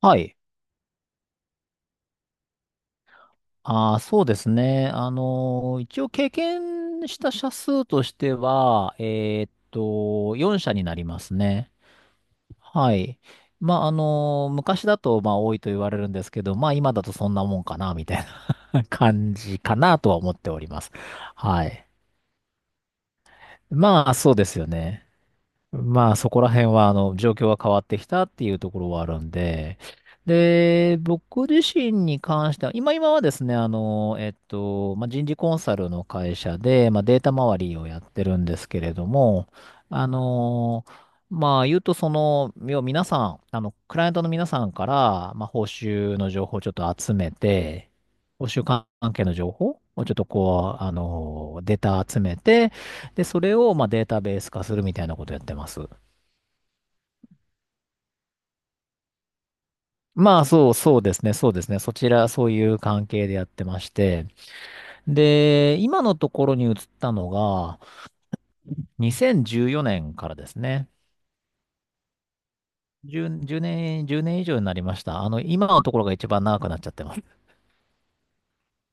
はい。ああ、そうですね。一応経験した社数としては、4社になりますね。はい。まあ、昔だと、まあ、多いと言われるんですけど、まあ、今だとそんなもんかな、みたいな 感じかなとは思っております。はい。まあ、そうですよね。まあ、そこら辺はあの状況が変わってきたっていうところはあるんで、で、僕自身に関しては、今はですね、まあ、人事コンサルの会社で、まあ、データ周りをやってるんですけれども、あの、まあ言うとその、要は皆さん、あの、クライアントの皆さんから、まあ報酬の情報をちょっと集めて、報酬関係の情報をちょっとこう、あの、データ集めて、で、それをまあデータベース化するみたいなことやってます。そうですね、そうですね。そちら、そういう関係でやってまして。で、今のところに移ったのが、2014年からですね。10年以上になりました。あの、今のところが一番長くなっちゃってます。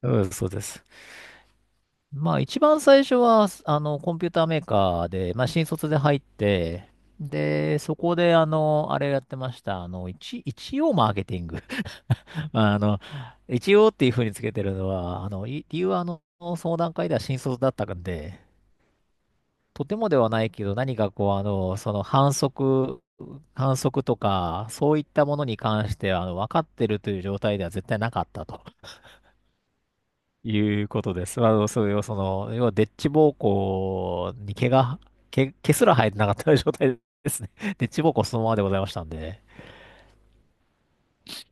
うん、そうです。まあ一番最初は、あの、コンピューターメーカーで、まあ新卒で入って、で、そこで、あの、あれやってました。あの、一応マーケティング。まあの、一応っていうふうにつけてるのは、あの、理由はあの、その段階では新卒だったんで、とてもではないけど、何かこう、あの、反則とか、そういったものに関して、あの、分かってるという状態では絶対なかったということです。まあの、それをその、要は、デッチ暴行に毛が、毛、毛すら生えてなかった状態ですね。デッチ暴行そのままでございましたんで。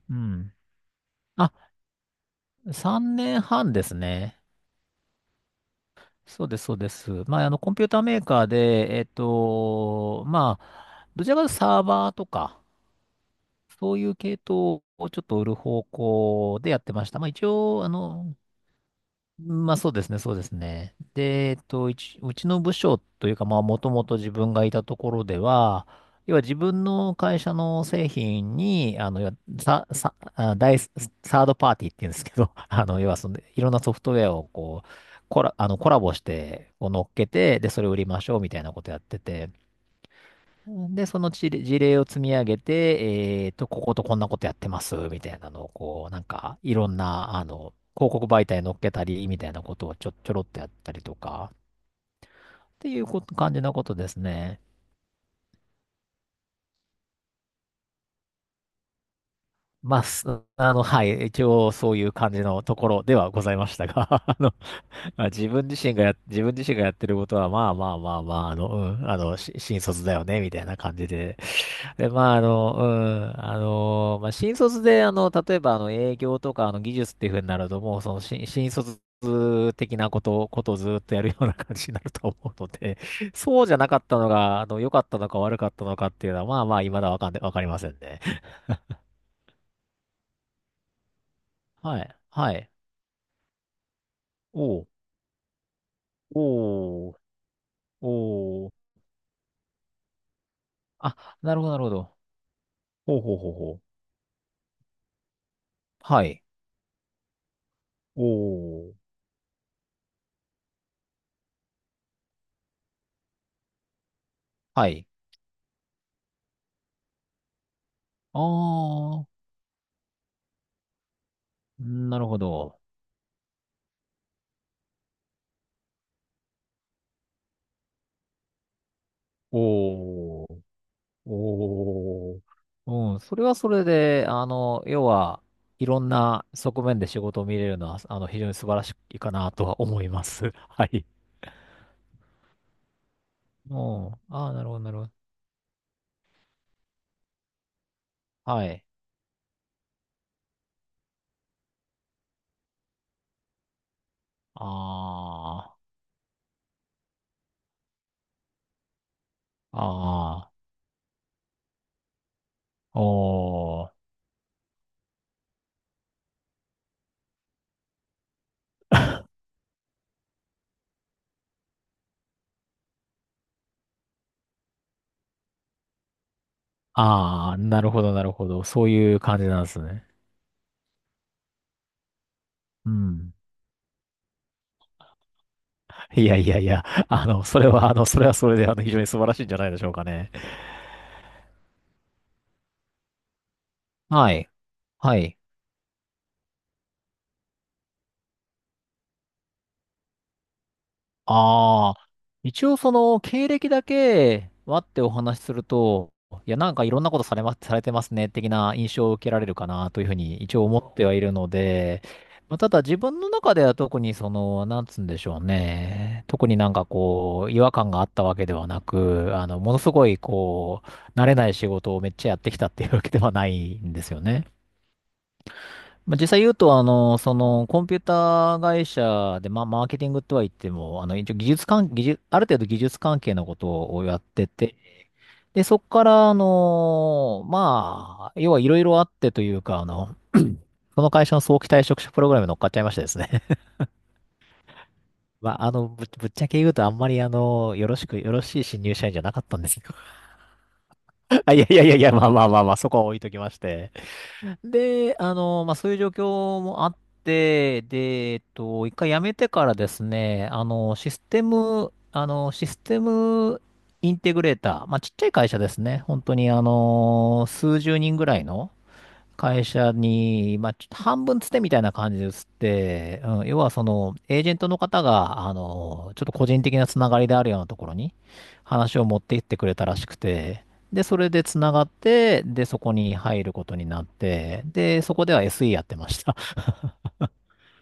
うん。あ、3年半ですね。そうです、そうです。まあ、あの、コンピューターメーカーで、えっと、まあ、どちらかというとサーバーとか、そういう系統をちょっと売る方向でやってました。まあ、一応、あの、まあそうですね、そうですね。で、えっと、うちの部署というか、まあもともと自分がいたところでは、要は自分の会社の製品に、あの、要はさ、さ、あ、第サードパーティーって言うんですけど、あの、要はその、いろんなソフトウェアをこう、コラボして、こう乗っけて、で、それを売りましょうみたいなことやってて、で、その事例を積み上げて、えっと、こことこんなことやってます、みたいなのを、こう、なんか、いろんな、あの、広告媒体に載っけたり、みたいなことをちょろっとやったりとか、っていうこと感じのことですね。まあ、すあの、はい、一応そういう感じのところではございましたが、あの、まあ、自分自身がやってることは、まあまあまあまあ、あの、うん、あの、新卒だよね、みたいな感じで。で、まあ、まあ、新卒で、あの、例えば、あの、営業とか、あの、技術っていうふうになると、もう、その、新卒的なことをずっとやるような感じになると思うので、そうじゃなかったのが、あの、良かったのか悪かったのかっていうのは、まあまあ、未だわかんで、わかりませんね。はい、はい。おう、おう、おう、あ、なるほど、なるほど。ほうほうほうほう。はい。おう、はい。ああ、なるほど。おう、おう、うん、それはそれで、あの、要は、いろんな側面で仕事を見れるのは、あの、非常に素晴らしいかなとは思います。はい。うん。ああ、なるほど、なるほど。はい。ああ、ああ、おー。ああ、なるほど、なるほど。そういう感じなんですね。うん。いやいやいや、あの、それは、あの、それはそれで、あの、非常に素晴らしいんじゃないでしょうかね。はい。はい。ああ、一応その経歴だけ待ってお話しすると、いや、なんかいろんなことされま、されてますね、的な印象を受けられるかなというふうに一応思ってはいるので、まあ、ただ自分の中では特にその、なんつうんでしょうね、特になんかこう、違和感があったわけではなく、あの、ものすごいこう、慣れない仕事をめっちゃやってきたっていうわけではないんですよね。まあ、実際言うと、あの、その、コンピューター会社で、まあ、マーケティングとは言っても、あの、一応技術関、技術、ある程度技術関係のことをやってて、で、そこから、あの、まあ、要はいろいろあってというか、あの、その会社の早期退職者プログラムに乗っかっちゃいましてですね。まあ、あの、ぶっちゃけ言うと、あんまり、あの、よろしい新入社員じゃなかったんですよ。あ、いやいやいやいや、まあまあまあまあ、そこは置いときまして。で、あの、まあ、そういう状況もあって、で、えっと、一回辞めてからですね、あの、システムインテグレーター、まあ、ちっちゃい会社ですね。本当に、あの、数十人ぐらいの、会社に、まあ、ちょっと半分つてみたいな感じで移って、うん、要はその、エージェントの方が、あの、ちょっと個人的なつながりであるようなところに話を持っていってくれたらしくて、で、それでつながって、で、そこに入ることになって、で、そこでは SE やってました。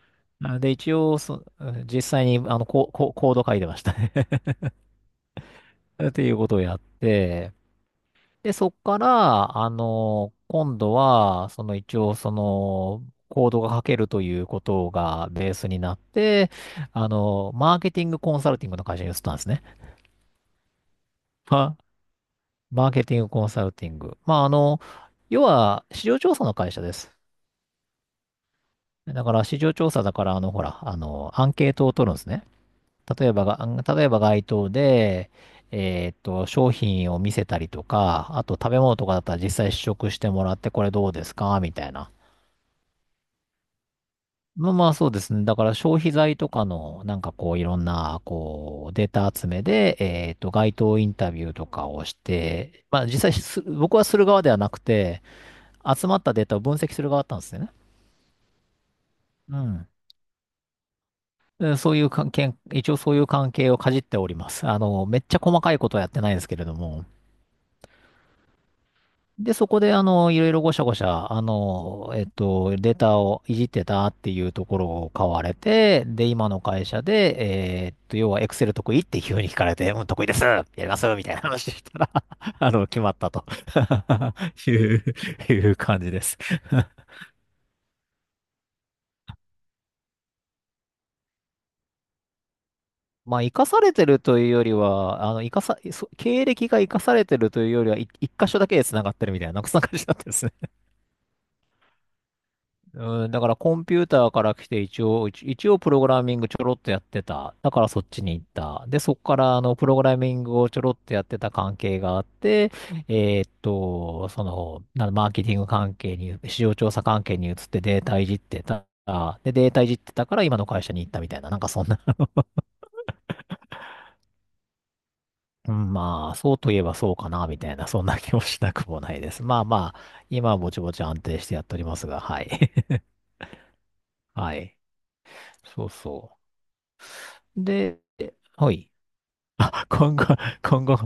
あで、一応そ、実際に、あの、コード書いてましたね っていうことをやって、で、そっから、あの、今度は、その一応、その、コードが書けるということがベースになって、あの、マーケティングコンサルティングの会社に移ったんですね。まマーケティングコンサルティング。まあ、あの、要は、市場調査の会社です。だから、市場調査だから、あの、ほら、あの、アンケートを取るんですね。例えばが、例えば街頭で、えーっと、商品を見せたりとか、あと食べ物とかだったら実際試食してもらって、これどうですかみたいな。まあまあそうですね。だから消費財とかの、なんかこういろんな、こう、データ集めで、えっと、街頭インタビューとかをして、まあ実際僕はする側ではなくて、集まったデータを分析する側だったんですよね。うん。でそういう関係、一応そういう関係をかじっております。あの、めっちゃ細かいことはやってないですけれども。で、そこで、あの、いろいろごしゃごしゃ、あの、えっと、データをいじってたっていうところを買われて、で、今の会社で、要は、エクセル得意って急に聞かれて、うん、得意です、やります、みたいな話したら、決まったと いう、いう感じです。まあ、生かされてるというよりは、あの、生かさ、そ経歴が生かされてるというよりは、一箇所だけで繋がってるみたいな、なんかそんな感じだったですね。うん、だからコンピューターから来て一応、一応プログラミングちょろっとやってた。だからそっちに行った。で、そっからプログラミングをちょろっとやってた関係があって、マーケティング関係に、市場調査関係に移ってデータいじってた。で、データいじってたから今の会社に行ったみたいな、なんかそんな。 うん、まあ、そうといえばそうかな、みたいな、そんな気もしなくもないです。まあまあ、今はぼちぼち安定してやっておりますが、はい。はい。そうそう。で、はい。あ、今後、今後、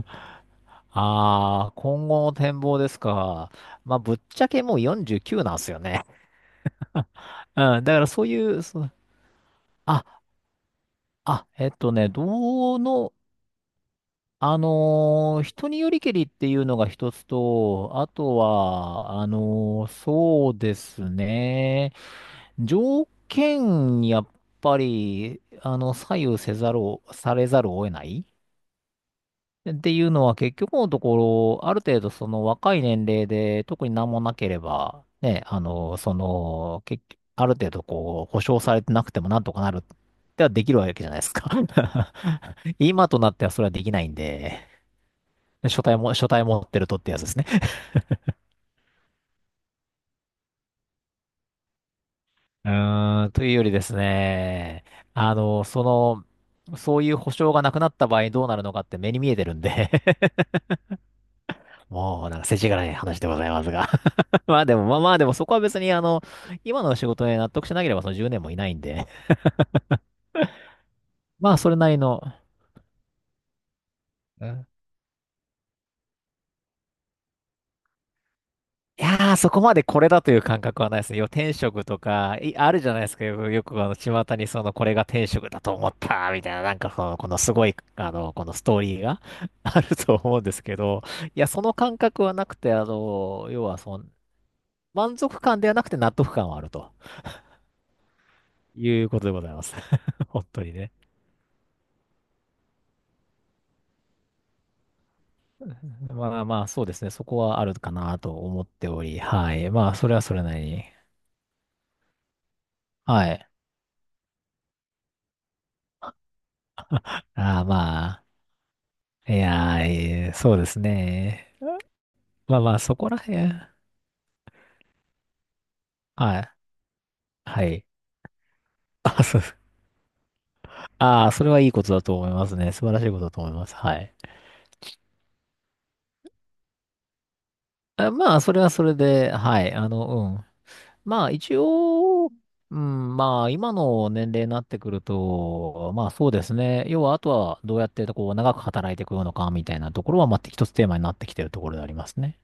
ああ、今後の展望ですか。まあ、ぶっちゃけもう49なんですよね。うん、だからそういう、そう、あ、あ、えっとね、どの、人によりけりっていうのが一つと、あとは、そうですね、条件にやっぱり、左右せざるを、されざるを得ないっていうのは結局のところ、ある程度その若い年齢で特に何もなければ、ね、結局ある程度こう、保証されてなくてもなんとかなるってはできるわけじゃないですか。今となってはそれはできないんで、書体も、書体持ってるとってやつですね。うーん、というよりですね、あの、そそういう保証がなくなった場合どうなるのかって目に見えてるんで、 もうなんか世知辛い話でございますが、 まあでも、まあまあでもそこは別に今の仕事に納得しなければその10年もいないんで、まあそれなりの、うん、いやーそこまでこれだという感覚はないですね。要は転職とか、あるじゃないですか。よく巷にその、これが転職だと思った、みたいな、なんかその、このすごい、あの、このストーリーが あると思うんですけど、いや、その感覚はなくて、あの、要はその、満足感ではなくて納得感はあるということでございます。本当にね。まあまあ、そうですね。そこはあるかなと思っており、はい。まあ、それはそれなりに。はい。ああ、まあ、いやー、えーそうですね。まあまあ、そこら辺。はい。はい。あ、そう。ああ、それはいいことだと思いますね。素晴らしいことだと思います。はい。あ、まあ、それはそれで、はい。あの、うん。まあ一応、うん、まあ今の年齢になってくると、まあそうですね。要はあとはどうやってこう長く働いていくのかみたいなところは、まあ一つテーマになってきてるところでありますね。